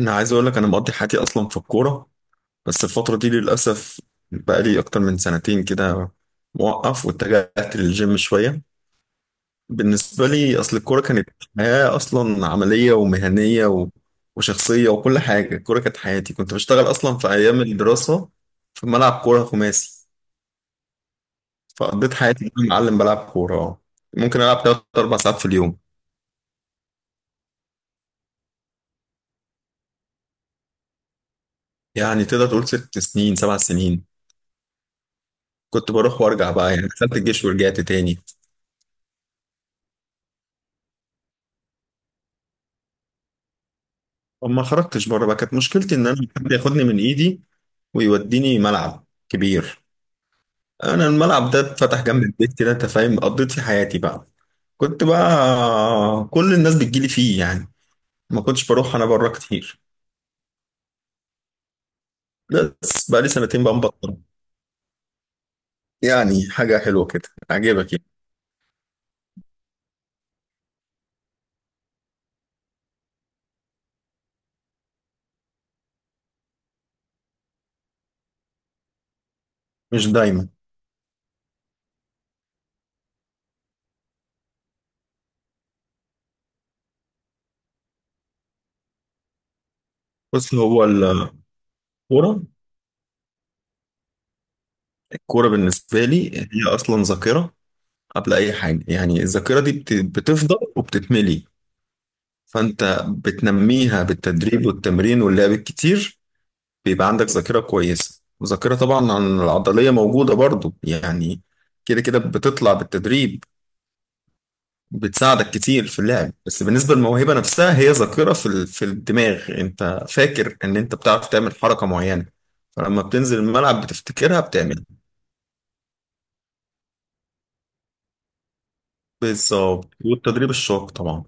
انا عايز اقول لك، انا مقضي حياتي اصلا في الكوره. بس الفتره دي للاسف، بقى لي اكتر من سنتين كده موقف واتجهت للجيم شويه. بالنسبه لي اصل الكوره كانت حياه اصلا عمليه ومهنيه وشخصيه وكل حاجه. الكوره كانت حياتي، كنت بشتغل اصلا في ايام الدراسه في ملعب كوره خماسي. فقضيت حياتي كده معلم بلعب كوره. ممكن العب 3 4 ساعات في اليوم، يعني تقدر تقول 6 سنين 7 سنين. كنت بروح وارجع بقى، يعني دخلت الجيش ورجعت تاني. طب ما خرجتش بره بقى، كانت مشكلتي ان انا حد ياخدني من ايدي ويوديني ملعب كبير. انا الملعب ده اتفتح جنب البيت كده، انت فاهم؟ قضيت فيه حياتي بقى، كنت بقى كل الناس بتجيلي فيه يعني، ما كنتش بروح انا بره كتير. بس بقى لي سنتين بقى مبطل. يعني حاجه حلوه كده عجبك يعني؟ مش دايما. بص، هو الكوره بالنسبه لي هي اصلا ذاكره قبل اي حاجه. يعني الذاكره دي بتفضل وبتتملي، فانت بتنميها بالتدريب والتمرين واللعب الكتير. بيبقى عندك ذاكرة كويسة، وذاكرة طبعا عن العضلية موجودة برضو يعني. كده كده بتطلع بالتدريب، بتساعدك كتير في اللعب. بس بالنسبة للموهبة نفسها، هي ذاكرة في في الدماغ. انت فاكر ان انت بتعرف تعمل حركة معينة، فلما بتنزل الملعب بتفتكرها، بتعمل بالظبط. والتدريب الشاق طبعا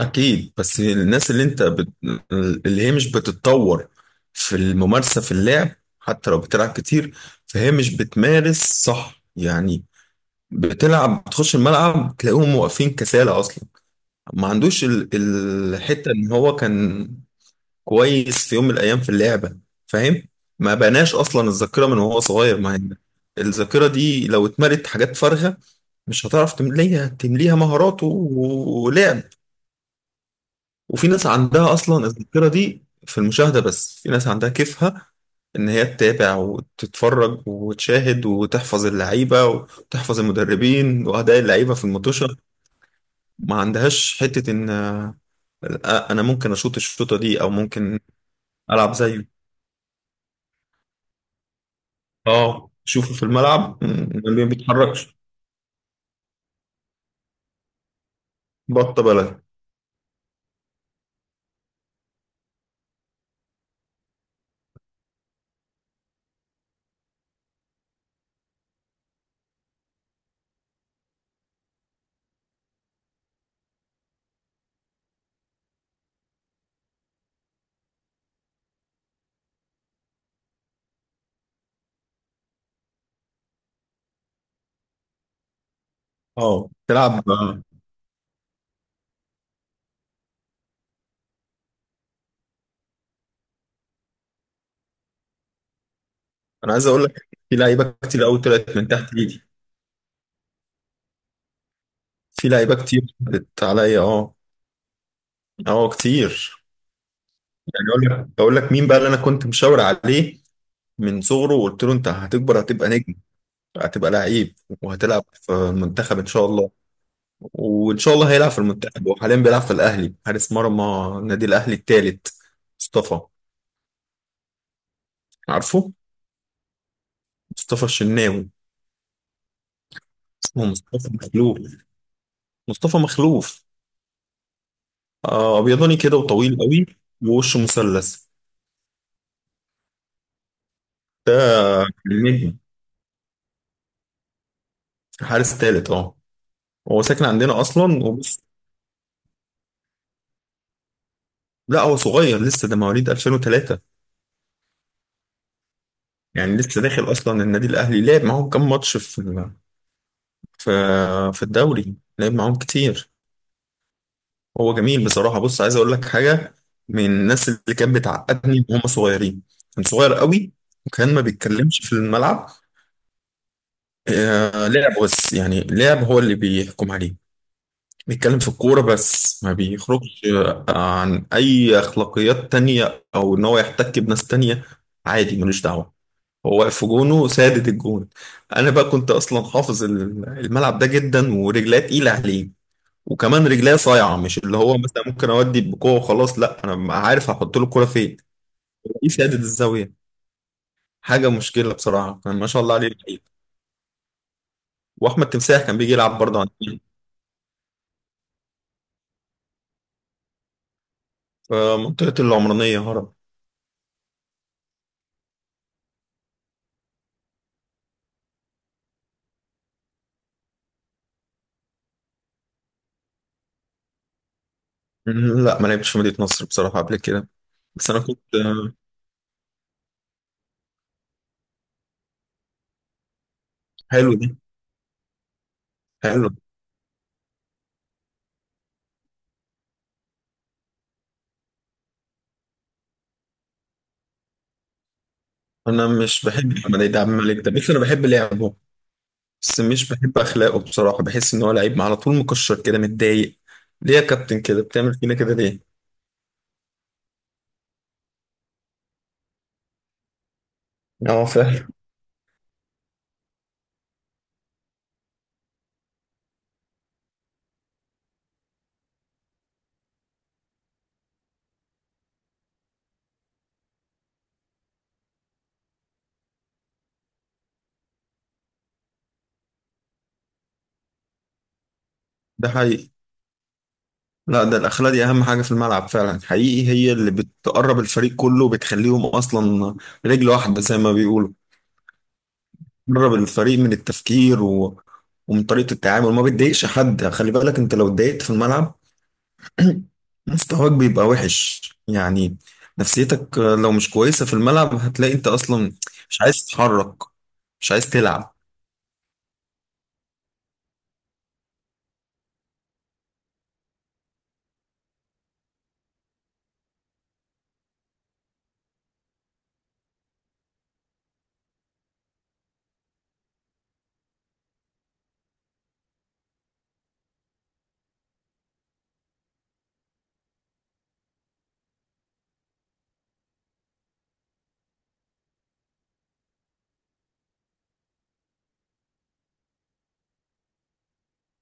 أكيد. بس الناس اللي أنت اللي هي مش بتتطور في الممارسة، في اللعب حتى لو بتلعب كتير فهي مش بتمارس صح يعني. بتلعب، بتخش الملعب تلاقيهم واقفين كسالة أصلا. ما عندوش الحتة إن هو كان كويس في يوم من الأيام في اللعبة. فاهم؟ ما بناش أصلا الذاكرة من وهو صغير. ما هي الذاكرة دي لو اتملت حاجات فارغة مش هتعرف تمليها مهاراته ولعب. وفي ناس عندها اصلا الذاكره دي في المشاهده، بس في ناس عندها كيفها ان هي تتابع وتتفرج وتشاهد وتحفظ اللعيبه وتحفظ المدربين واداء اللعيبه في المطوشه. ما عندهاش حته ان. انا ممكن اشوط الشوطه دي او ممكن العب زيه. اه، شوفه في الملعب ما بيتحركش. بطه بلد. اه تلعب. انا عايز اقول لك في لعيبه كتير قوي طلعت من تحت ايدي. في لعيبه كتير عدت عليا، اه. اه، كتير. يعني اقول لك مين بقى اللي انا كنت مشاور عليه من صغره، وقلت له انت هتكبر هتبقى نجم، هتبقى لعيب، وهتلعب في المنتخب ان شاء الله. وان شاء الله هيلعب في المنتخب، وحاليا بيلعب في الاهلي، حارس مرمى النادي الاهلي الثالث. مصطفى. عارفه؟ مصطفى الشناوي. اسمه مصطفى مخلوف. مصطفى مخلوف. ابيضاني كده وطويل قوي، ووشه مثلث. ده النجم. حارس ثالث، اه. هو ساكن عندنا اصلا، وبص، لا هو صغير لسه، ده مواليد 2003. يعني لسه داخل اصلا النادي الاهلي، لعب معاهم كام ماتش في في في الدوري، لعب معاهم كتير. هو جميل بصراحه، بص عايز اقول لك حاجه، من الناس اللي كانت بتعقدني وهم صغيرين. كان صغير قوي، وكان ما بيتكلمش في الملعب. لعب، بس يعني لعب هو اللي بيحكم عليه. بيتكلم في الكوره بس ما بيخرجش، عن اي اخلاقيات تانية او ان هو يحتك بناس تانية. عادي، ملوش دعوه. هو واقف في جونه سادد الجون. انا بقى كنت اصلا حافظ الملعب ده جدا، ورجليه تقيله عليه، وكمان رجليه صايعه. مش اللي هو مثلا ممكن اودي بقوه وخلاص، لا انا ببقى عارف هحط له الكوره فين. ايه، سادد الزاويه. حاجه مشكله بصراحه، كان ما شاء الله عليه لعيب. واحمد تمساح كان بيجي يلعب برضه عندنا. في منطقه العمرانيه هرب. لا، ما لعبتش في مدينه نصر بصراحه قبل كده. بس انا كنت. حلو دي. حلو. انا مش بحب محمد عيد عبد الملك ده، بس انا بحب لعبه. بس مش بحب اخلاقه بصراحه، بحس ان هو لعيب على طول مكشر كده متضايق. ليه يا كابتن كده بتعمل فينا كده ليه؟ اه فعلا. ده حقيقي. لا، ده الاخلاق دي اهم حاجه في الملعب فعلا، حقيقي. هي اللي بتقرب الفريق كله، وبتخليهم اصلا رجل واحده زي ما بيقولوا. بتقرب الفريق من التفكير ومن طريقه التعامل. ما بتضايقش حد، خلي بالك، انت لو اتضايقت في الملعب مستواك بيبقى وحش يعني. نفسيتك لو مش كويسة في الملعب هتلاقي انت اصلا مش عايز تتحرك، مش عايز تلعب.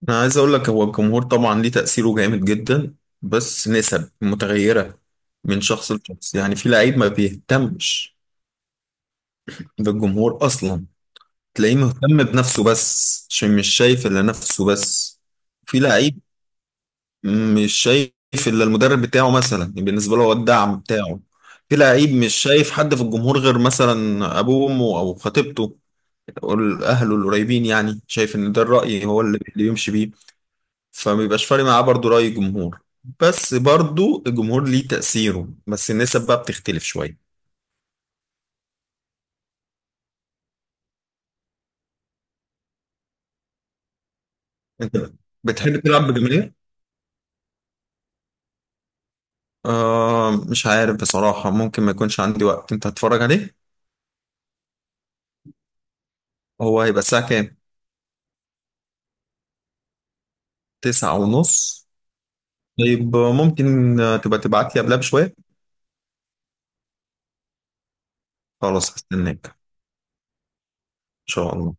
انا عايز اقول لك، هو الجمهور طبعا ليه تأثيره جامد جدا بس نسب متغيرة من شخص لشخص. يعني في لعيب ما بيهتمش بالجمهور اصلا، تلاقيه مهتم بنفسه بس عشان مش شايف الا نفسه بس. في لعيب مش شايف الا المدرب بتاعه مثلا، يعني بالنسبه له هو الدعم بتاعه. في لعيب مش شايف حد في الجمهور غير مثلا ابوه وامه او خطيبته او اهله القريبين. يعني شايف ان ده الراي هو اللي يمشي بيه، فما بيبقاش فارق معاه برضو راي الجمهور. بس برضو الجمهور ليه تاثيره، بس النسب بقى بتختلف شويه. انت بتحب تلعب بجماهير؟ آه، مش عارف بصراحه، ممكن ما يكونش عندي وقت. انت هتتفرج عليه؟ هو هيبقى الساعه كام؟ 9 ونص. طيب، ممكن تبقى تبعت لي قبلها بشوية. خلاص، هستناك إن شاء الله.